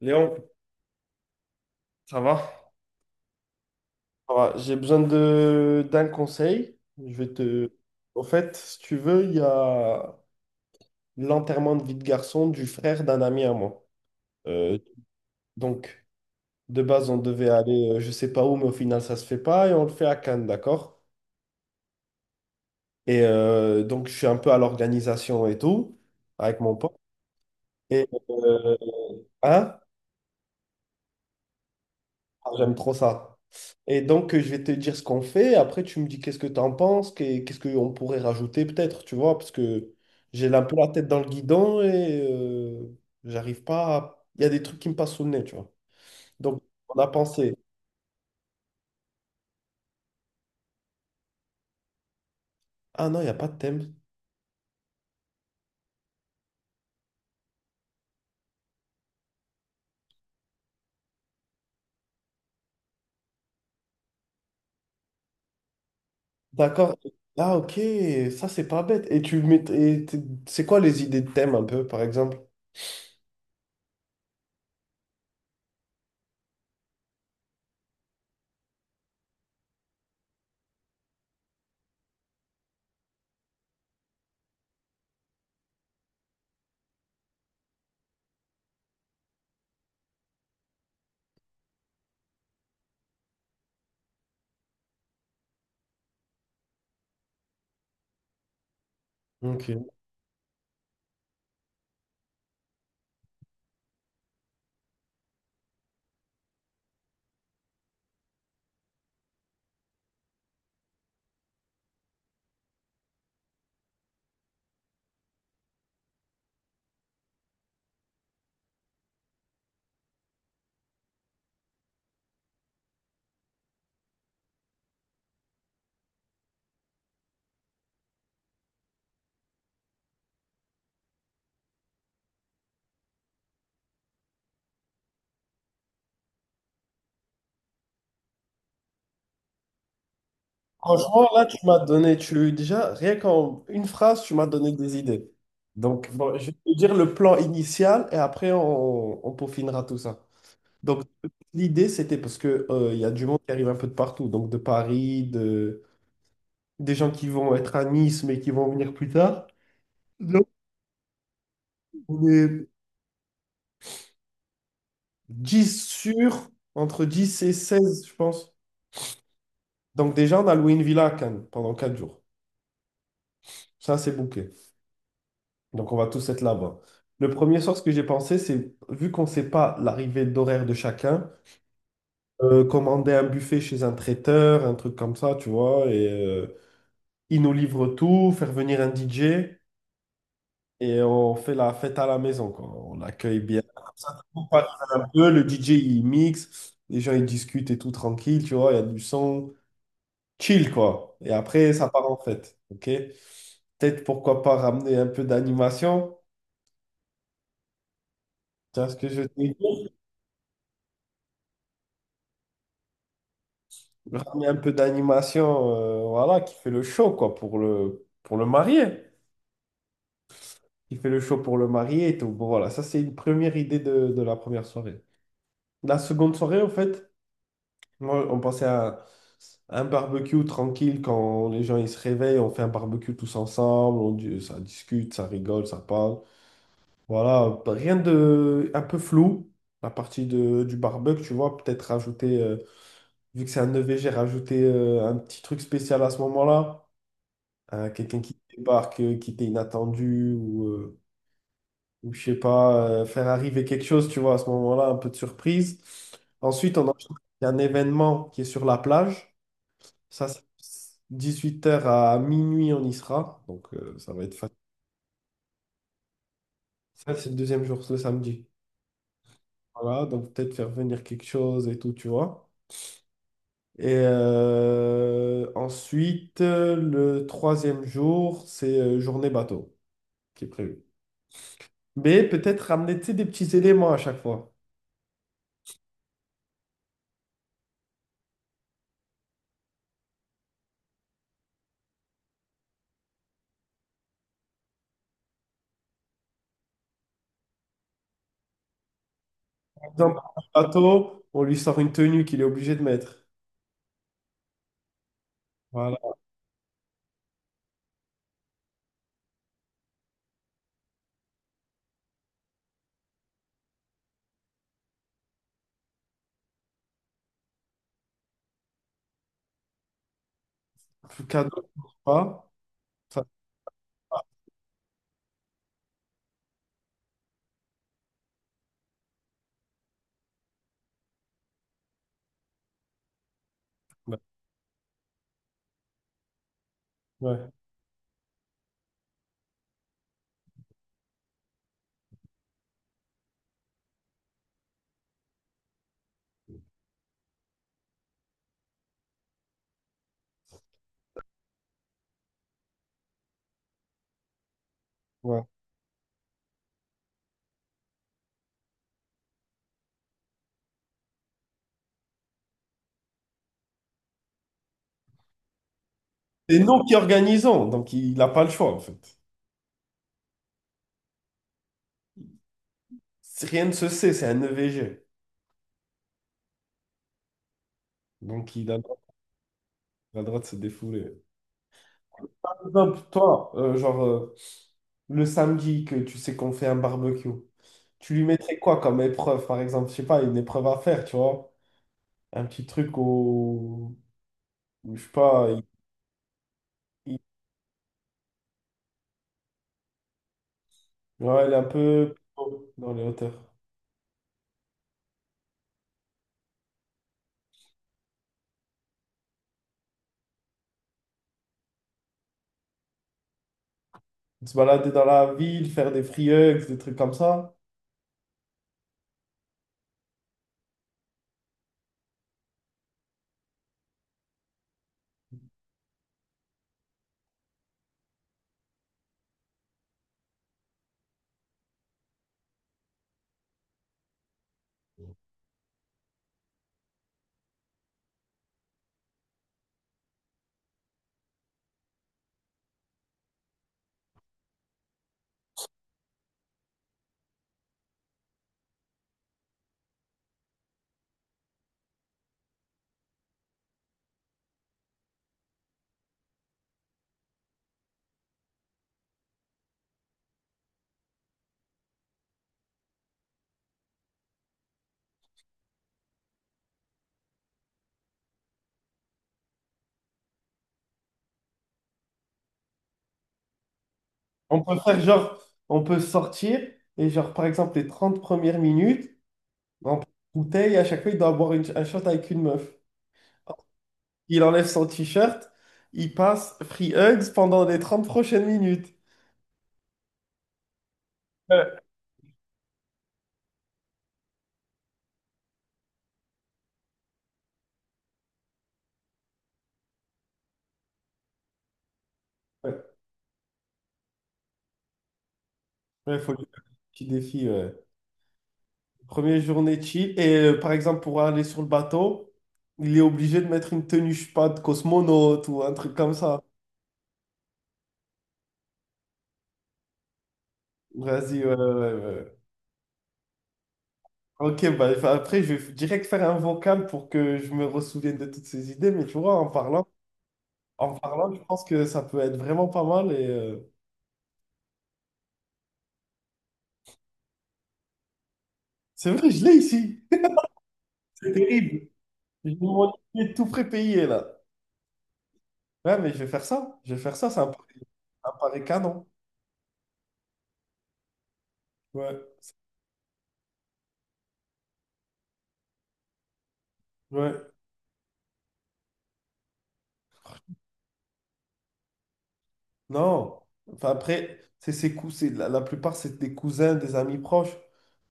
Léon, ça va? Ça va. J'ai besoin de d'un conseil. Je vais te. Au fait, si tu veux, il y a l'enterrement de vie de garçon du frère d'un ami à moi. Euh, donc, de base, on devait aller, je sais pas où, mais au final, ça se fait pas et on le fait à Cannes, d'accord? Et donc, je suis un peu à l'organisation et tout avec mon pote. Et hein? Ah, j'aime trop ça. Et donc, je vais te dire ce qu'on fait. Après, tu me dis qu'est-ce que tu en penses, qu'est-ce qu'on pourrait rajouter peut-être, tu vois, parce que j'ai un peu la tête dans le guidon et j'arrive pas à... Il y a des trucs qui me passent sous le nez, tu vois. Donc, on a pensé, ah non, il n'y a pas de thème. D'accord. Ah, ok, ça, c'est pas bête. Et tu mets... C'est quoi les idées de thème un peu, par exemple? Ok. Franchement, là, tu m'as donné, tu déjà, rien qu'en une phrase, tu m'as donné des idées. Donc, bon, je vais te dire le plan initial et après, on peaufinera tout ça. Donc, l'idée, c'était parce que, il y a du monde qui arrive un peu de partout, donc de Paris, des gens qui vont être à Nice, mais qui vont venir plus tard. Donc, on est 10 sur, entre 10 et 16, je pense. Donc, déjà, on a loué une villa à Cannes pendant 4 jours. Ça, c'est bouqué. Donc, on va tous être là-bas. Le premier soir, ce que j'ai pensé, c'est, vu qu'on ne sait pas l'arrivée d'horaire de chacun, commander un buffet chez un traiteur, un truc comme ça, tu vois, et il nous livre tout, faire venir un DJ, et on fait la fête à la maison, quoi. On l'accueille bien. Comme ça, tout le monde parle un peu, le DJ, il mixe, les gens, ils discutent et tout tranquille, tu vois, il y a du son, chill, quoi. Et après, ça part en fête, ok? Peut-être, pourquoi pas, ramener un peu d'animation. Tu vois ce que je veux dire ramener un peu d'animation, voilà, qui fait le show, quoi, pour le marié. Qui fait le show pour le marié et tout. Bon, voilà, ça, c'est une première idée de la première soirée. La seconde soirée, en fait, moi, on pensait à un barbecue tranquille quand les gens ils se réveillent, on fait un barbecue tous ensemble, ça discute, ça rigole, ça parle. Voilà, rien de un peu flou. La partie du barbecue, tu vois, peut-être rajouter, vu que c'est un EVG, rajouter un petit truc spécial à ce moment-là. Quelqu'un qui débarque, qui était inattendu, ou je sais pas, faire arriver quelque chose, tu vois, à ce moment-là, un peu de surprise. Ensuite, on enchaîne avec un événement qui est sur la plage. Ça, c'est 8 heures à minuit, on y sera. Donc, ça va être facile. Ça, c'est le deuxième jour, le samedi. Voilà, donc peut-être faire venir quelque chose et tout, tu vois. Et ensuite, le troisième jour, c'est journée bateau qui est prévu. Mais peut-être ramener, tu sais, des petits éléments à chaque fois. Dans un bateau, on lui sort une tenue qu'il est obligé de mettre. Voilà. Plus cadeau, pas. Ça, ouais, ouais. Ouais. C'est nous qui organisons, donc il n'a pas le choix en fait. Rien ne se sait, c'est un EVG. Donc il a le droit, il a le droit de se défouler. Par exemple, toi, genre le samedi que tu sais qu'on fait un barbecue, tu lui mettrais quoi comme épreuve, par exemple? Je sais pas, une épreuve à faire, tu vois? Un petit truc au. Je sais pas, il- ouais, il est un peu dans les hauteurs. Se balader dans la ville, faire des free hugs, des trucs comme ça. On peut faire genre, on peut sortir et genre, par exemple, les 30 premières minutes, on prend une bouteille, à chaque fois, il doit boire un shot avec une meuf. Il enlève son t-shirt, il passe free hugs pendant les 30 prochaines minutes. Ouais, il faut lui faire un petit défi. Ouais. Première journée chill. Et par exemple, pour aller sur le bateau, il est obligé de mettre une tenue, je sais pas, de cosmonaute ou un truc comme ça. Vas-y, ouais, ouais, ouais. Ouais. Ok, bah, après, je vais direct faire un vocal pour que je me ressouvienne de toutes ces idées, mais tu vois, en parlant, je pense que ça peut être vraiment pas mal. Et c'est vrai, je l'ai ici. C'est terrible. Je mon idée tout prépayé là. Ouais, mais je vais faire ça. Je vais faire ça, ça me paraît canon. Ouais, ouais. Non. Enfin, après, c'est la plupart, c'est des cousins, des amis proches.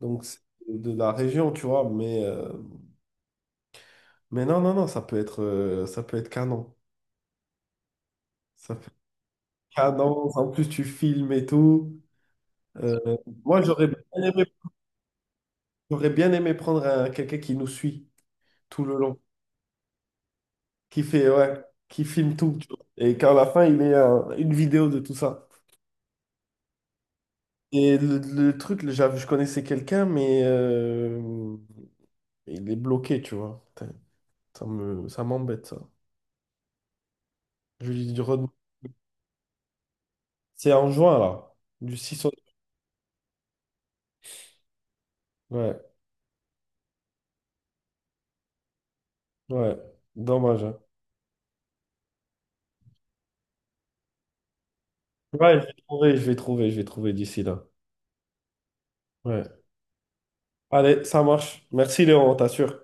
Donc, c'est de la région, tu vois. Mais non, non, non, ça peut être canon. Ça cadence, en plus tu filmes et tout. Euh, moi, j'aurais bien aimé, prendre quelqu'un qui nous suit tout le long, qui fait, ouais, qui filme tout, tu vois. Et qu'à la fin, il ait une vidéo de tout ça. Et le truc, je connaissais quelqu'un, mais il est bloqué, tu vois. Putain, ça m'embête, ça. Je lui dis, redemande. C'est en juin, là, du 6 au... Ouais, ouais, dommage. Hein. Ouais, je vais trouver, je vais trouver, je vais trouver d'ici là. Ouais. Allez, ça marche. Merci Léon, on t'assure.